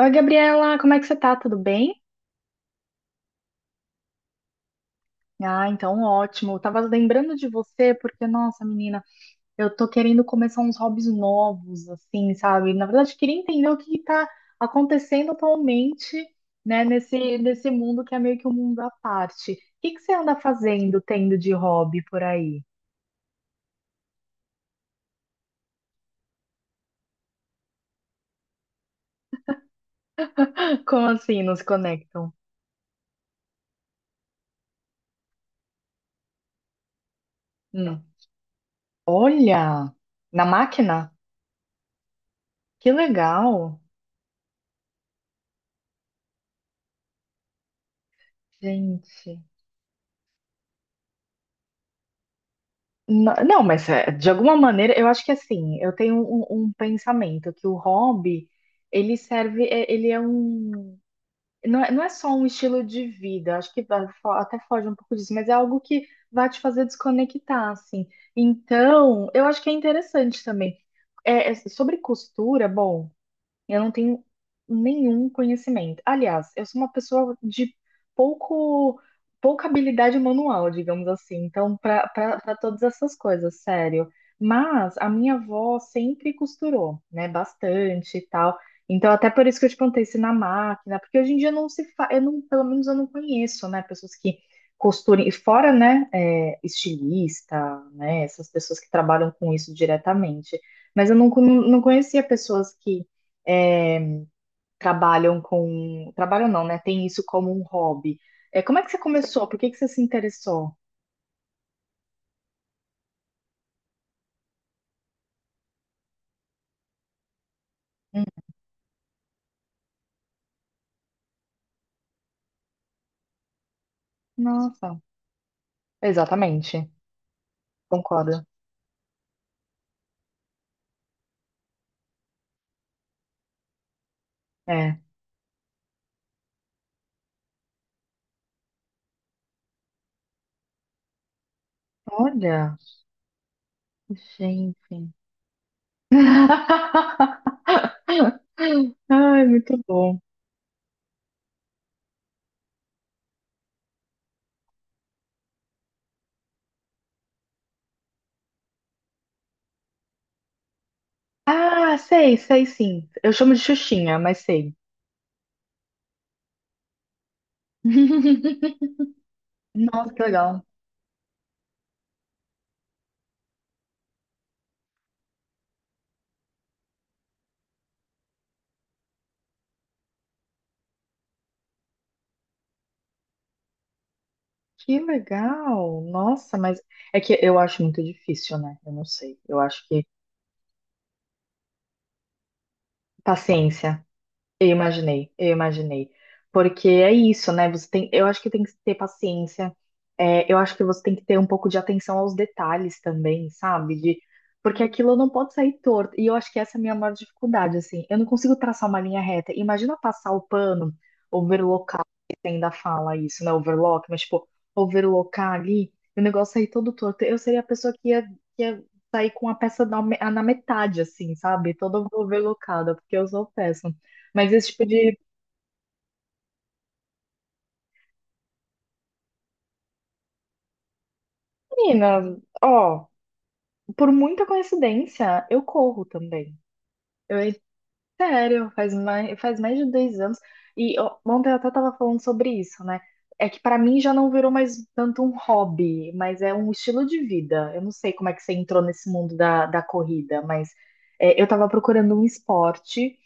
Oi, Gabriela, como é que você tá? Tudo bem? Ah, então ótimo. Eu tava lembrando de você porque, nossa, menina, eu tô querendo começar uns hobbies novos, assim, sabe? Na verdade, queria entender o que que tá acontecendo atualmente, né, nesse mundo que é meio que um mundo à parte. O que que você anda fazendo, tendo de hobby por aí? Como assim, nos conectam? Hum. Olha, na máquina? Que legal, gente. Não, mas é, de alguma maneira, eu acho que assim, eu tenho um pensamento que o hobby, ele serve, ele é um, não é só um estilo de vida, acho que vai até foge um pouco disso, mas é algo que vai te fazer desconectar, assim. Então, eu acho que é interessante também. Sobre costura, bom. Eu não tenho nenhum conhecimento. Aliás, eu sou uma pessoa de pouco, pouca habilidade manual, digamos assim. Então, para todas essas coisas, sério. Mas a minha avó sempre costurou, né? Bastante e tal. Então, até por isso que eu te perguntei se na máquina, porque hoje em dia não se faz, eu não, pelo menos eu não conheço, né? Pessoas que costurem, e fora, né? Estilista, né? Essas pessoas que trabalham com isso diretamente. Mas eu não conhecia pessoas que é, trabalham com. Trabalham não, né? Tem isso como um hobby. Como é que você começou? Por que que você se interessou? Hum, nossa, exatamente. Concordo. É. Olha, gente. Ai, muito bom. Ah, sei, sei sim. Eu chamo de Xuxinha, mas sei. Nossa, que legal. Que legal. Nossa, mas é que eu acho muito difícil, né? Eu não sei. Eu acho que paciência. Eu imaginei, eu imaginei. Porque é isso, né? Você tem, eu acho que tem que ter paciência. Eu acho que você tem que ter um pouco de atenção aos detalhes também, sabe? Porque aquilo não pode sair torto. E eu acho que essa é a minha maior dificuldade, assim. Eu não consigo traçar uma linha reta. Imagina passar o pano, overlocar, que você ainda fala isso, né? Overlock, mas tipo, overlocar ali, e o negócio sair todo torto. Eu seria a pessoa que ia sair com a peça na metade, assim, sabe? Toda overlocada, porque eu sou péssima. Mas esse tipo de menina, ó, por muita coincidência, eu corro também. É sério, faz mais de 2 anos. E ó, ontem eu até tava falando sobre isso, né? É que pra mim já não virou mais tanto um hobby, mas é um estilo de vida. Eu não sei como é que você entrou nesse mundo da corrida, mas eu tava procurando um esporte.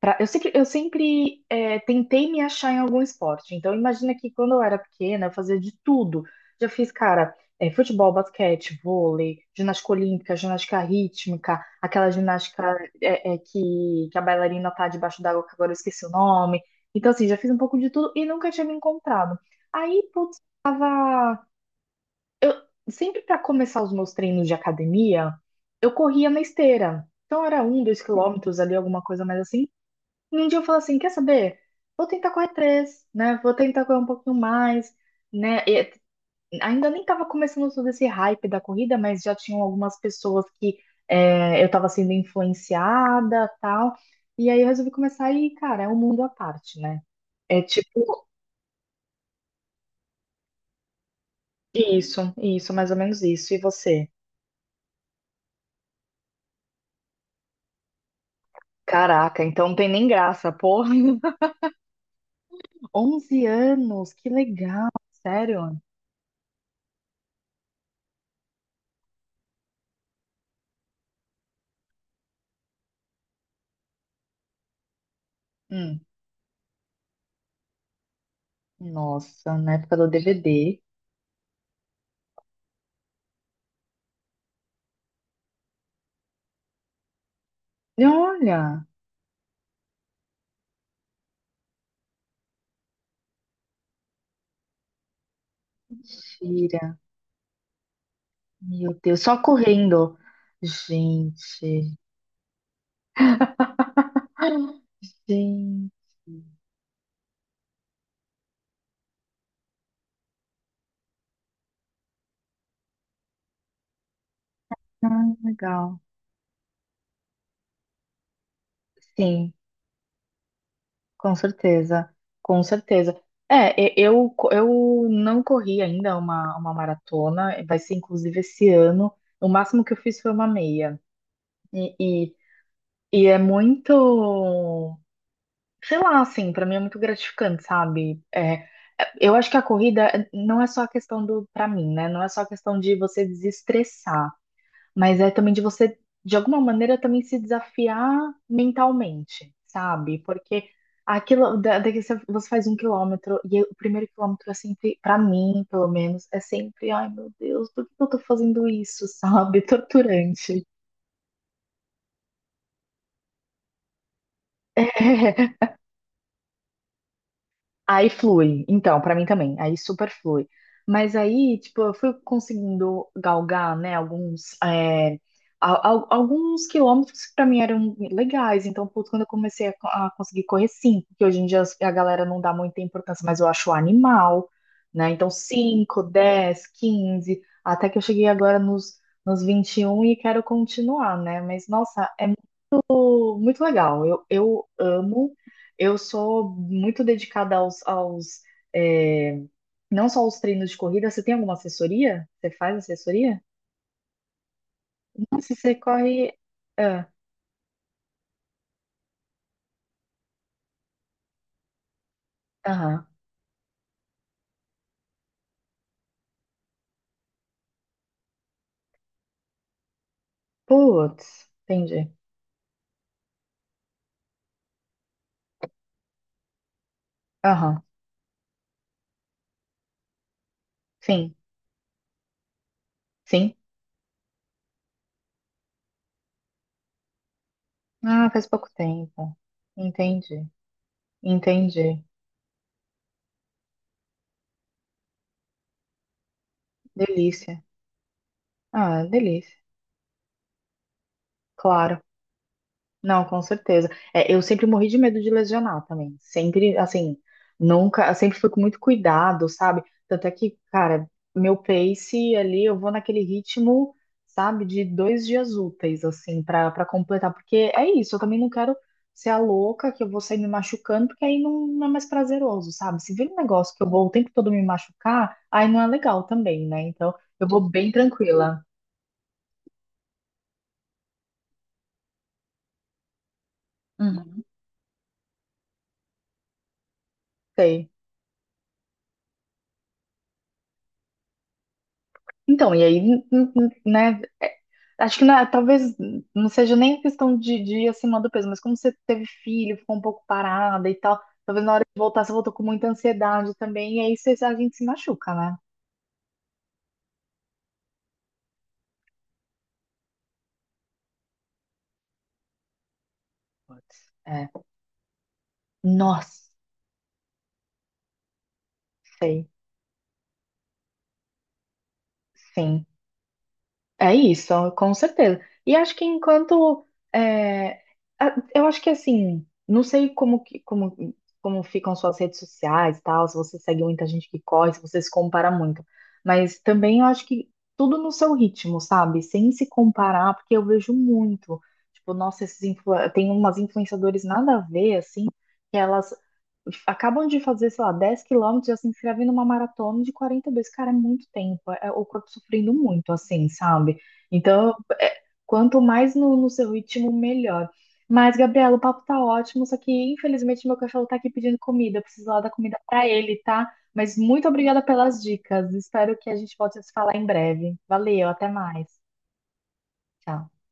Eu sempre tentei me achar em algum esporte. Então, imagina que quando eu era pequena, eu fazia de tudo. Já fiz, cara, futebol, basquete, vôlei, ginástica olímpica, ginástica rítmica, aquela ginástica que a bailarina tá debaixo d'água, que agora eu esqueci o nome. Então, assim, já fiz um pouco de tudo e nunca tinha me encontrado. Aí, putz, eu sempre para começar os meus treinos de academia, eu corria na esteira. Então, era um, 2 km ali, alguma coisa mais assim. E um dia eu falo assim, quer saber? Vou tentar correr três, né? Vou tentar correr um pouquinho mais, né? E ainda nem tava começando todo esse hype da corrida, mas já tinham algumas pessoas que eu tava sendo influenciada, tal. E aí eu resolvi começar e, cara, é um mundo à parte, né? É tipo isso, isso, mais ou menos isso. E você? Caraca, então não tem nem graça, porra. 11 anos, que legal, sério? Hum, nossa, na época do DVD. E olha. Mentira. Meu Deus, só correndo. Gente. Ah, gente. Ah, legal. Sim, com certeza. Com certeza. Eu não corri ainda uma maratona, vai ser inclusive esse ano. O máximo que eu fiz foi uma meia. E, e, e é muito. Sei lá, assim, pra mim é muito gratificante, sabe? Eu acho que a corrida não é só a questão do, pra mim, né? Não é só a questão de você desestressar, mas é também de você, de alguma maneira, também se desafiar mentalmente, sabe? Porque aquilo, daqui você faz 1 km e o primeiro quilômetro é sempre, pra mim, pelo menos, é sempre, ai meu Deus, por que eu tô fazendo isso, sabe? Torturante. Aí flui. Então, pra mim também. Aí super flui. Mas aí, tipo, eu fui conseguindo galgar, né, alguns, é, al- al- alguns quilômetros que pra mim eram legais. Então, putz, quando eu comecei a conseguir correr cinco, que hoje em dia a galera não dá muita importância, mas eu acho animal, né? Então, cinco, 10, 15, até que eu cheguei agora nos 21 e quero continuar, né? Mas, nossa, é muito legal. Eu amo, eu sou muito dedicada é, não só aos treinos de corrida. Você tem alguma assessoria? Você faz assessoria? Se você corre. ah, Aham. Putz, entendi. Aham. Sim, sim. Ah, faz pouco tempo. Entendi, entendi. Delícia. Ah, delícia. Claro. Não, com certeza. Eu sempre morri de medo de lesionar também. Sempre, assim, nunca, sempre fui com muito cuidado, sabe? Tanto é que, cara, meu pace ali, eu vou naquele ritmo, sabe, de 2 dias úteis, assim, pra completar. Porque é isso, eu também não quero ser a louca que eu vou sair me machucando, porque aí não, não é mais prazeroso, sabe? Se vira um negócio que eu vou o tempo todo me machucar, aí não é legal também, né? Então, eu vou bem tranquila. Uhum, sei. Então, e aí, né? Acho que talvez não seja nem questão de ir acima do peso, mas como você teve filho, ficou um pouco parada e tal, talvez na hora de voltar você voltou com muita ansiedade também, e aí você, a gente se machuca, né? Putz. É. Nossa, sei, sim. É isso, com certeza. E acho que enquanto é, eu acho que assim, não sei como que- como como ficam suas redes sociais e tal, se você segue muita gente que corre, se você se compara muito, mas também eu acho que tudo no seu ritmo, sabe? Sem se comparar, porque eu vejo muito, tipo, nossa, tem umas influenciadores nada a ver assim, que elas acabam de fazer, sei lá, 10 km, já se inscrevem numa maratona de 40 vezes, cara, é muito tempo. É o corpo sofrendo muito, assim, sabe? Então, é, quanto mais no seu ritmo, melhor. Mas, Gabriela, o papo tá ótimo, só que infelizmente meu cachorro tá aqui pedindo comida. Eu preciso lá dar comida pra ele, tá? Mas muito obrigada pelas dicas. Espero que a gente volte a se falar em breve. Valeu, até mais. Tchau.